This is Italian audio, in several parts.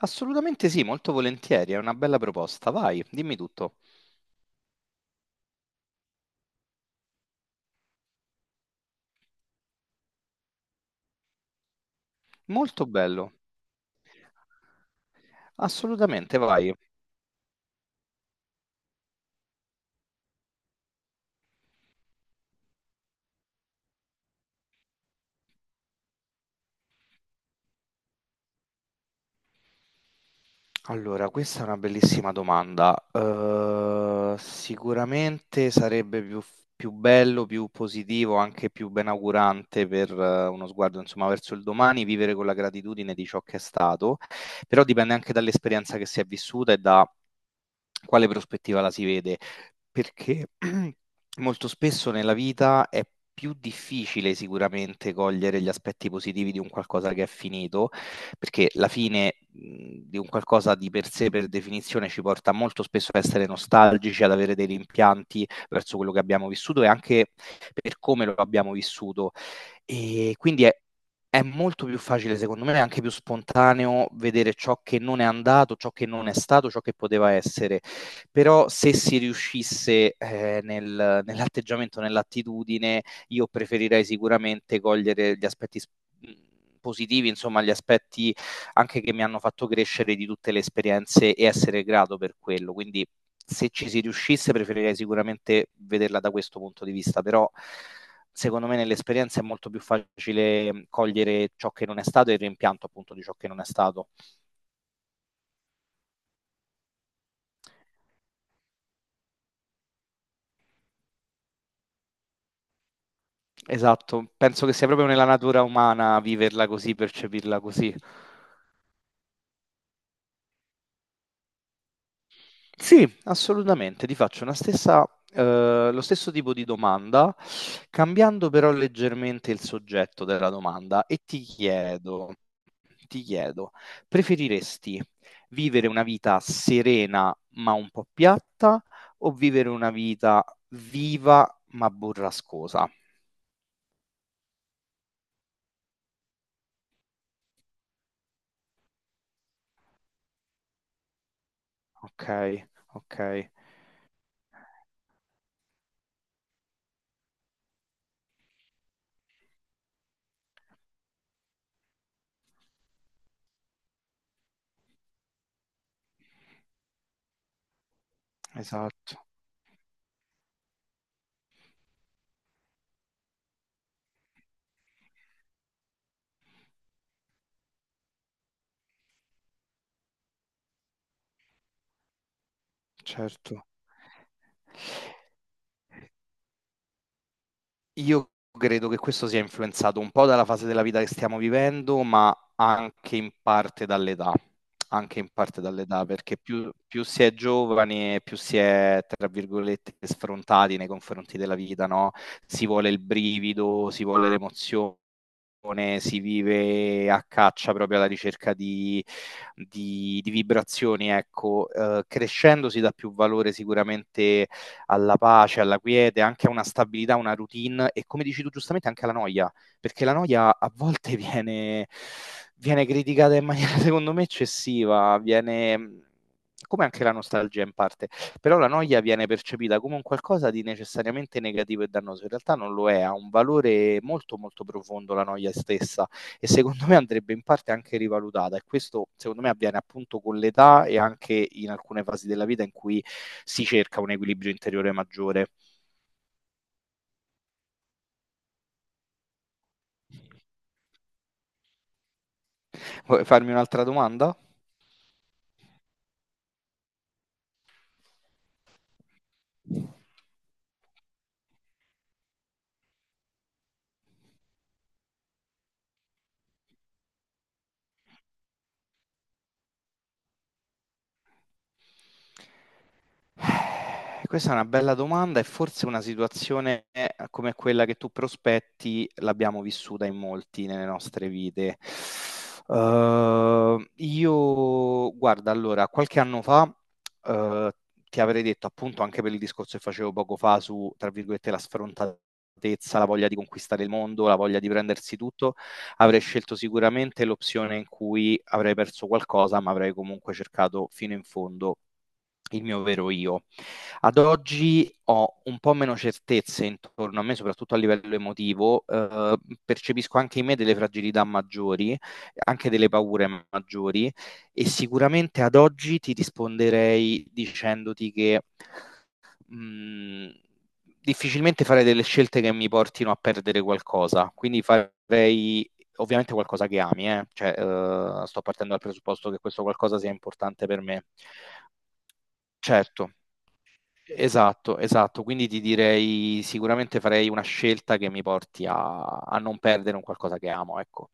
Assolutamente sì, molto volentieri, è una bella proposta. Vai, dimmi tutto. Molto bello. Assolutamente, vai. Allora, questa è una bellissima domanda. Sicuramente sarebbe più bello, più positivo, anche più benaugurante per uno sguardo, insomma, verso il domani, vivere con la gratitudine di ciò che è stato, però dipende anche dall'esperienza che si è vissuta e da quale prospettiva la si vede, perché molto spesso nella vita è più difficile sicuramente cogliere gli aspetti positivi di un qualcosa che è finito, perché la fine di un qualcosa di per sé, per definizione, ci porta molto spesso a essere nostalgici, ad avere dei rimpianti verso quello che abbiamo vissuto e anche per come lo abbiamo vissuto. E quindi è molto più facile, secondo me, è anche più spontaneo vedere ciò che non è andato, ciò che non è stato, ciò che poteva essere, però se si riuscisse nell'atteggiamento, nell'attitudine, io preferirei sicuramente cogliere gli positivi, insomma gli aspetti anche che mi hanno fatto crescere di tutte le esperienze e essere grato per quello. Quindi se ci si riuscisse preferirei sicuramente vederla da questo punto di vista, però secondo me nell'esperienza è molto più facile cogliere ciò che non è stato e il rimpianto appunto di ciò che non è stato. Esatto, penso che sia proprio nella natura umana viverla così, percepirla così. Sì, assolutamente, ti faccio lo stesso tipo di domanda, cambiando però leggermente il soggetto della domanda e ti chiedo: preferiresti vivere una vita serena ma un po' piatta, o vivere una vita viva ma burrascosa? Ok, ok, esatto, certo. Io credo che questo sia influenzato un po' dalla fase della vita che stiamo vivendo, ma anche in parte dall'età, anche in parte dall'età, perché più si è giovani e più si è, tra virgolette, sfrontati nei confronti della vita, no? Si vuole il brivido, si vuole l'emozione, meditazione, si vive a caccia proprio alla ricerca di vibrazioni, ecco. Crescendo si dà più valore sicuramente alla pace, alla quiete, anche a una stabilità, una routine e come dici tu giustamente anche alla noia, perché la noia a volte viene criticata in maniera secondo me eccessiva, viene come anche la nostalgia in parte. Però la noia viene percepita come un qualcosa di necessariamente negativo e dannoso. In realtà non lo è, ha un valore molto molto profondo la noia stessa, e secondo me andrebbe in parte anche rivalutata, e questo secondo me avviene appunto con l'età e anche in alcune fasi della vita in cui si cerca un equilibrio interiore maggiore. Vuoi farmi un'altra domanda? Questa è una bella domanda, e forse una situazione come quella che tu prospetti l'abbiamo vissuta in molti nelle nostre vite. Io, guarda, allora, qualche anno fa, eh, ti avrei detto appunto anche per il discorso che facevo poco fa su, tra virgolette, la sfrontatezza, la voglia di conquistare il mondo, la voglia di prendersi tutto, avrei scelto sicuramente l'opzione in cui avrei perso qualcosa, ma avrei comunque cercato fino in fondo il mio vero io. Ad oggi ho un po' meno certezze intorno a me, soprattutto a livello emotivo. Percepisco anche in me delle fragilità maggiori, anche delle paure maggiori, e sicuramente ad oggi ti risponderei dicendoti che mh, difficilmente farei delle scelte che mi portino a perdere qualcosa, quindi farei ovviamente qualcosa che ami, eh. Cioè, sto partendo dal presupposto che questo qualcosa sia importante per me. Certo. Esatto, esatto, quindi ti direi sicuramente farei una scelta che mi porti a non perdere un qualcosa che amo, ecco.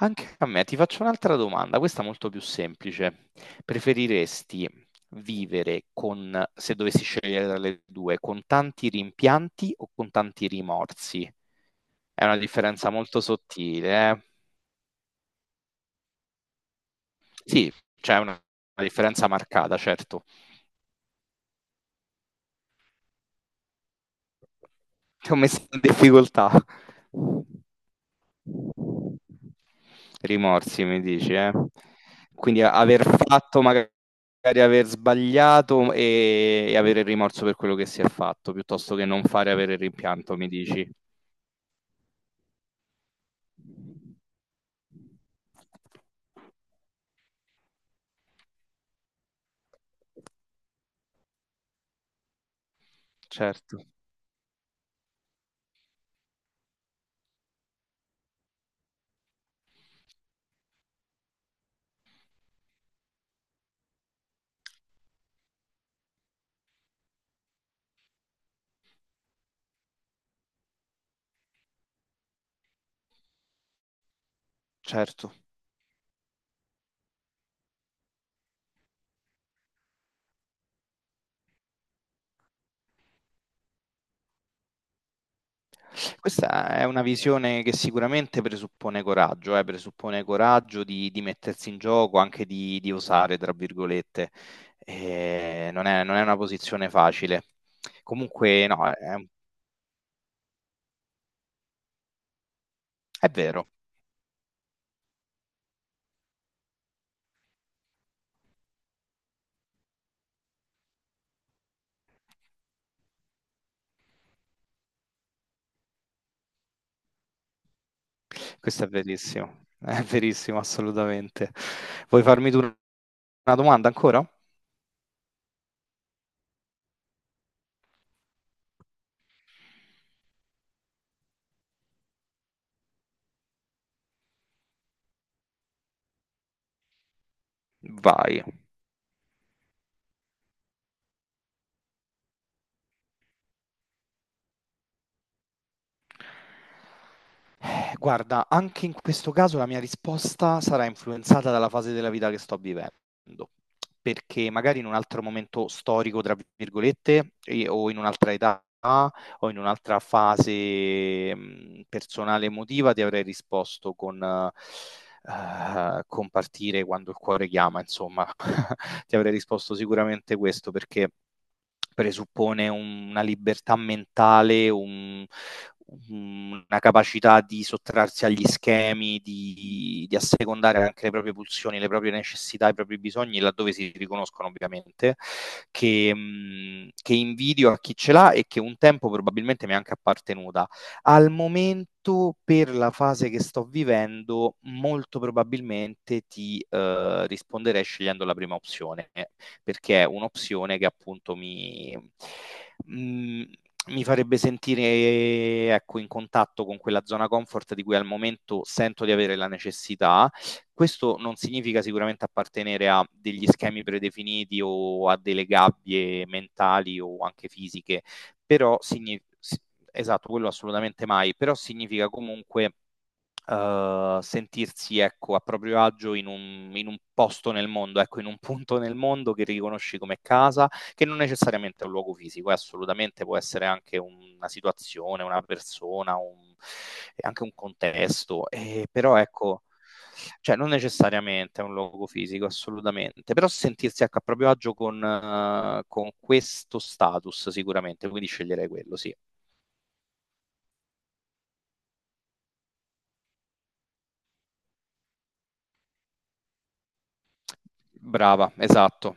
Anche a me, ti faccio un'altra domanda, questa molto più semplice. Preferiresti vivere con, se dovessi scegliere tra le due, con tanti rimpianti o con tanti rimorsi? È una differenza molto sottile, eh? Sì, c'è una differenza marcata, certo. Ti ho messo in difficoltà. Rimorsi, mi dici, eh? Quindi aver fatto, magari aver sbagliato e avere il rimorso per quello che si è fatto, piuttosto che non fare e avere il rimpianto, mi dici. Certo, certo. Questa è una visione che sicuramente presuppone coraggio di mettersi in gioco, anche di osare, tra virgolette. Non è una posizione facile. Comunque, no, è vero, questo è verissimo, assolutamente. Vuoi farmi tu una domanda ancora? Vai. Guarda, anche in questo caso la mia risposta sarà influenzata dalla fase della vita che sto vivendo, perché magari in un altro momento storico, tra virgolette, o in un'altra età o in un'altra fase personale emotiva ti avrei risposto con compartire quando il cuore chiama, insomma, ti avrei risposto sicuramente questo, perché presuppone una libertà mentale, una capacità di sottrarsi agli schemi, di assecondare anche le proprie pulsioni, le proprie necessità, i propri bisogni, laddove si riconoscono ovviamente, che invidio a chi ce l'ha e che un tempo probabilmente mi è anche appartenuta. Al momento, per la fase che sto vivendo, molto probabilmente ti risponderei scegliendo la prima opzione, perché è un'opzione che appunto mm, mi farebbe sentire, ecco, in contatto con quella zona comfort di cui al momento sento di avere la necessità. Questo non significa sicuramente appartenere a degli schemi predefiniti o a delle gabbie mentali o anche fisiche, però significa, esatto, quello assolutamente mai, però significa comunque sentirsi, ecco, a proprio agio in un posto nel mondo, ecco, in un punto nel mondo che riconosci come casa, che non necessariamente è un luogo fisico, assolutamente può essere anche una situazione, una persona, e anche un contesto, però ecco, cioè non necessariamente è un luogo fisico, assolutamente, però sentirsi, ecco, a proprio agio con questo status sicuramente, quindi sceglierei quello, sì. Brava, esatto.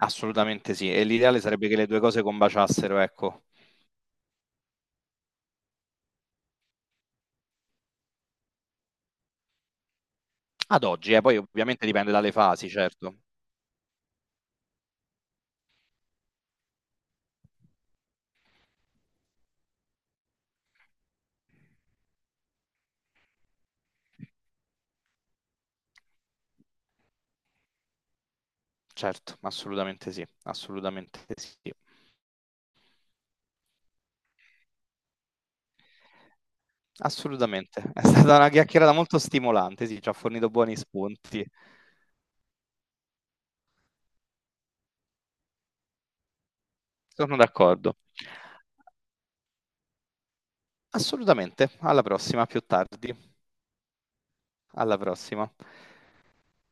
Assolutamente sì, e l'ideale sarebbe che le due cose combaciassero, ecco. Ad oggi, poi ovviamente dipende dalle fasi, certo. Certo, assolutamente sì, assolutamente sì. Assolutamente. È stata una chiacchierata molto stimolante, sì, ci ha fornito buoni spunti. Sono d'accordo. Assolutamente. Alla prossima, più tardi. Alla prossima.